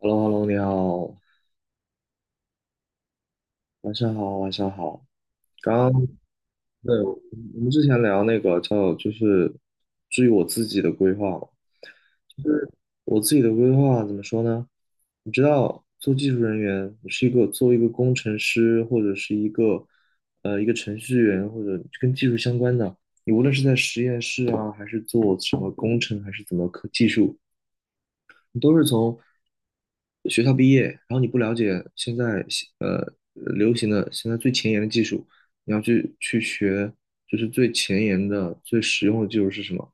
h e l l o h e l l o 你好，晚上好，晚上好。刚刚对，我们之前聊那个叫就是至于我自己的规划嘛，就是我自己的规划怎么说呢？你知道，做技术人员，你是做一个工程师或者是一个程序员或者跟技术相关的，你无论是在实验室啊，还是做什么工程，还是怎么科技术，你都是从学校毕业，然后你不了解现在流行的现在最前沿的技术，你要去学，就是最前沿的、最实用的技术是什么。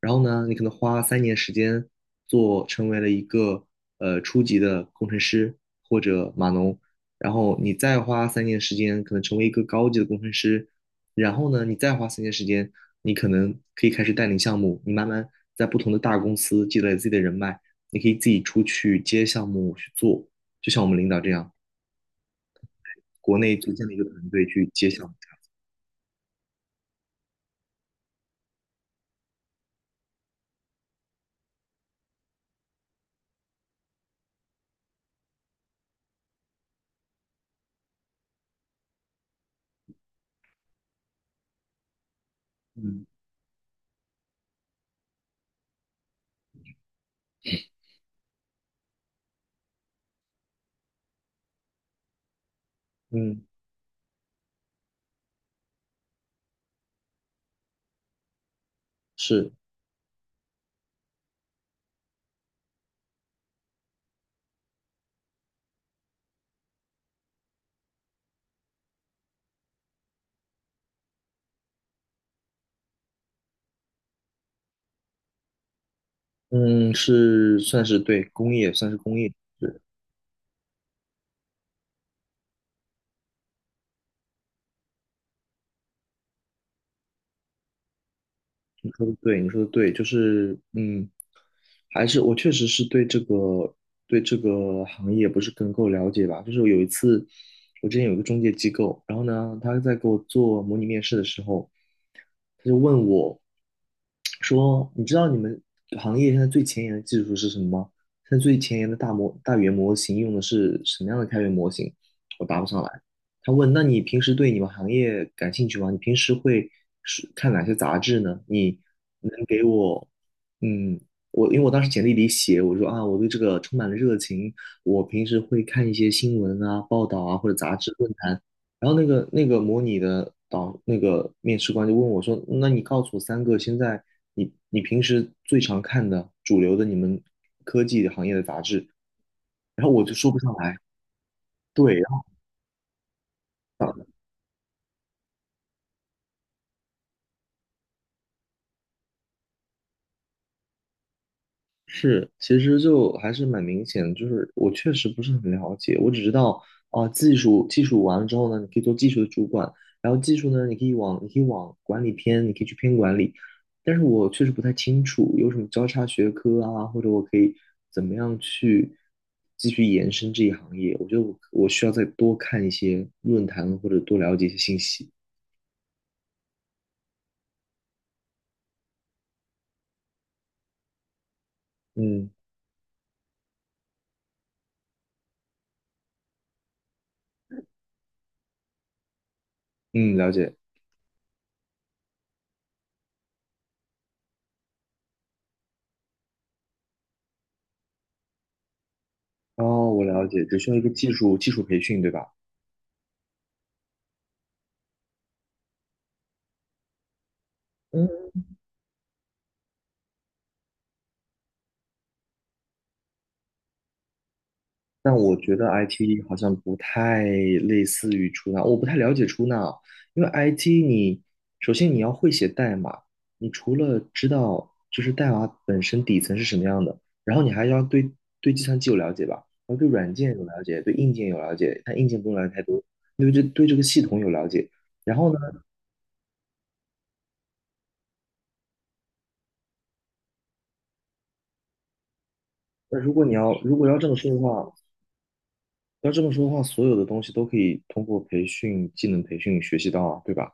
然后呢，你可能花三年时间成为了一个初级的工程师或者码农，然后你再花三年时间可能成为一个高级的工程师，然后呢，你再花三年时间，你可能可以开始带领项目，你慢慢在不同的大公司积累自己的人脉。你可以自己出去接项目去做，就像我们领导这样，国内组建了一个团队去接项目。嗯嗯，是。嗯是算是对工业，算是工业。对，你说的对，你说的对，就是还是我确实是对这个行业不是更够了解吧。就是有一次，我之前有一个中介机构，然后呢，他在给我做模拟面试的时候，他就问我说："你知道你们行业现在最前沿的技术是什么吗？现在最前沿的大语言模型用的是什么样的开源模型？"我答不上来。他问："那你平时对你们行业感兴趣吗？你平时会是看哪些杂志呢？你能给我，嗯，我因为我当时简历里写，我说啊，我对这个充满了热情，我平时会看一些新闻啊、报道啊或者杂志论坛。然后那个模拟的那个面试官就问我说："那你告诉我三个现在你平时最常看的主流的你们科技行业的杂志。"然后我就说不上来，对。是，其实就还是蛮明显的，就是我确实不是很了解，我只知道啊、技术完了之后呢，你可以做技术的主管，然后技术呢，你可以往管理偏，你可以去偏管理，但是我确实不太清楚有什么交叉学科啊，或者我可以怎么样去继续延伸这一行业，我觉得我需要再多看一些论坛或者多了解一些信息。嗯嗯，了解。哦，我了解，只需要一个技术培训，对吧？嗯。但我觉得 IT 好像不太类似于出纳，我不太了解出纳啊，因为 IT 你首先你要会写代码，你除了知道就是代码本身底层是什么样的，然后你还要对计算机有了解吧，然后对软件有了解，对硬件有了解，但硬件不用了解太多，对这个系统有了解。然后呢，那如果要这么说的话，所有的东西都可以通过培训、技能培训学习到啊，对吧？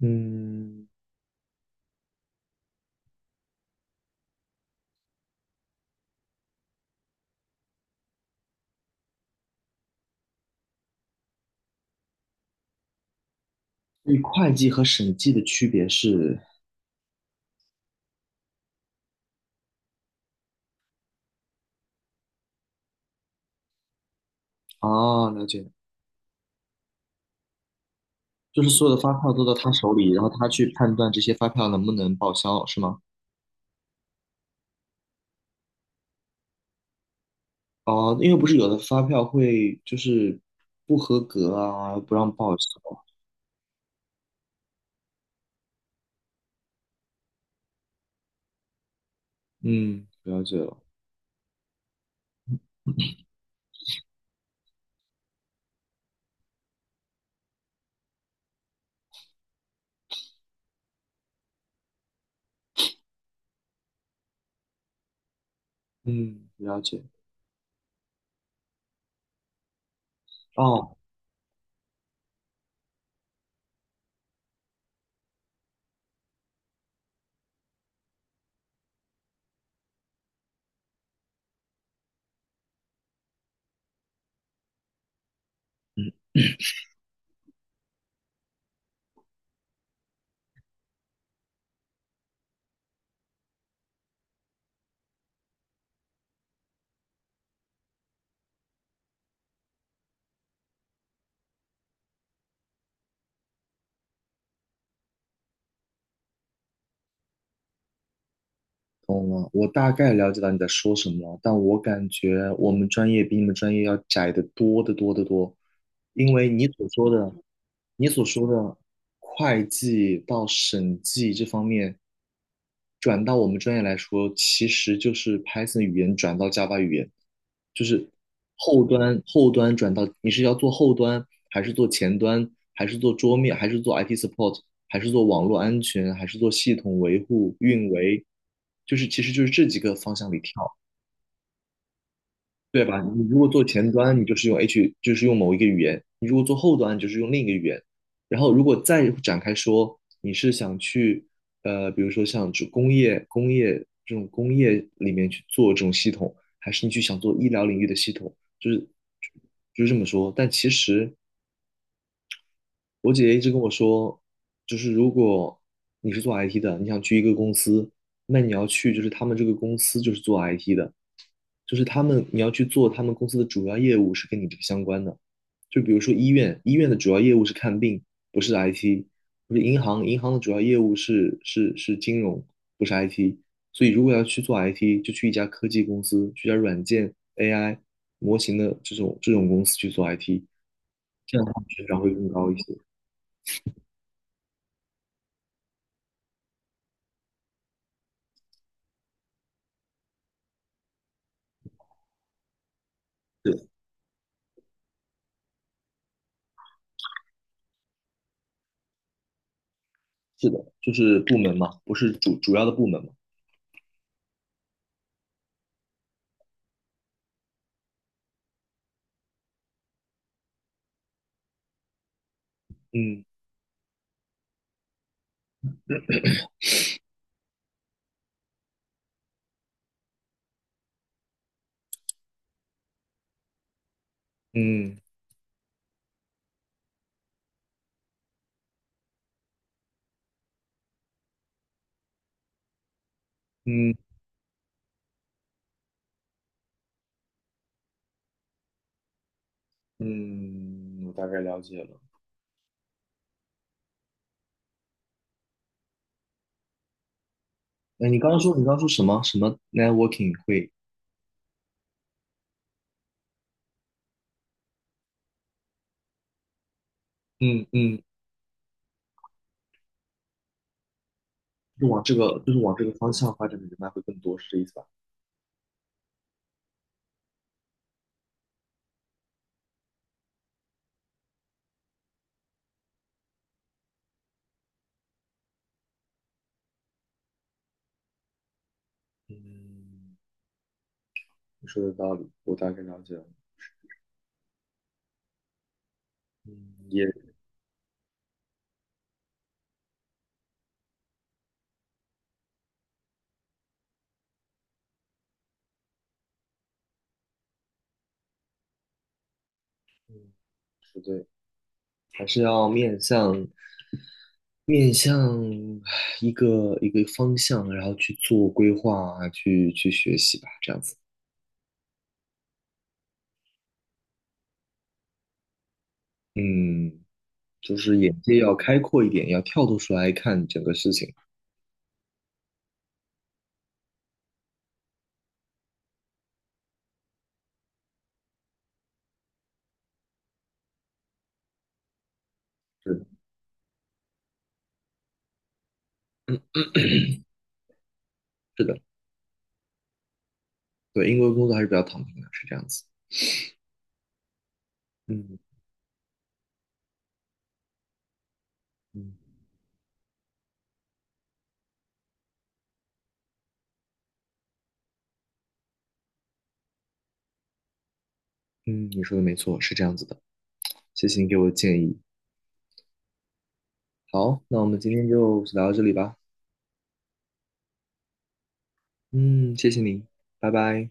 嗯，所以会计和审计的区别是，啊，了解，就是所有的发票都到他手里，然后他去判断这些发票能不能报销，是吗？哦，因为不是有的发票会就是不合格啊，不让报销。嗯，了解了。嗯，了解。哦，懂了，我大概了解到你在说什么了，但我感觉我们专业比你们专业要窄得多得多得多，因为你所说的会计到审计这方面，转到我们专业来说，其实就是 Python 语言转到 Java 语言，就是后端转到你是要做后端，还是做前端，还是做桌面，还是做 IT support，还是做网络安全，还是做系统维护、运维，就是其实就是这几个方向里跳。对吧？你如果做前端，你就是用 H，就是用某一个语言；你如果做后端，就是用另一个语言。然后，如果再展开说，你是想去，比如说像这工业这种工业里面去做这种系统，还是你去想做医疗领域的系统，就是就是这么说。但其实我姐姐一直跟我说，就是如果你是做 IT 的，你想去一个公司，那你要去就是他们这个公司就是做 IT 的，就是他们你要去做他们公司的主要业务是跟你这个相关的，就比如说医院，医院的主要业务是看病，不是 IT，不是银行，银行的主要业务是金融，不是 IT。所以如果要去做 IT，就去一家科技公司，去一家软件 AI 模型的这种公司去做 IT，这样的话成长会更高一些。对，是的，就是部门嘛，不是主要的部门嘛。嗯嗯嗯嗯，我大概了解了。哎，你刚刚说什么什么 networking 会，嗯嗯就是往这个方向发展的人脉会更多，是这意思吧？嗯你说的道理，我大概了解了。嗯也嗯，是对，还是要面向一个方向，然后去做规划啊，去学习吧，这样子。嗯，就是眼界要开阔一点，要跳脱出来看整个事情。是，的，是的，对，英国工作还是比较躺平的，是这样子。嗯。嗯嗯，你说的没错，是这样子的。谢谢你给我的建议。好，那我们今天就聊到这里吧。嗯，谢谢你，拜拜。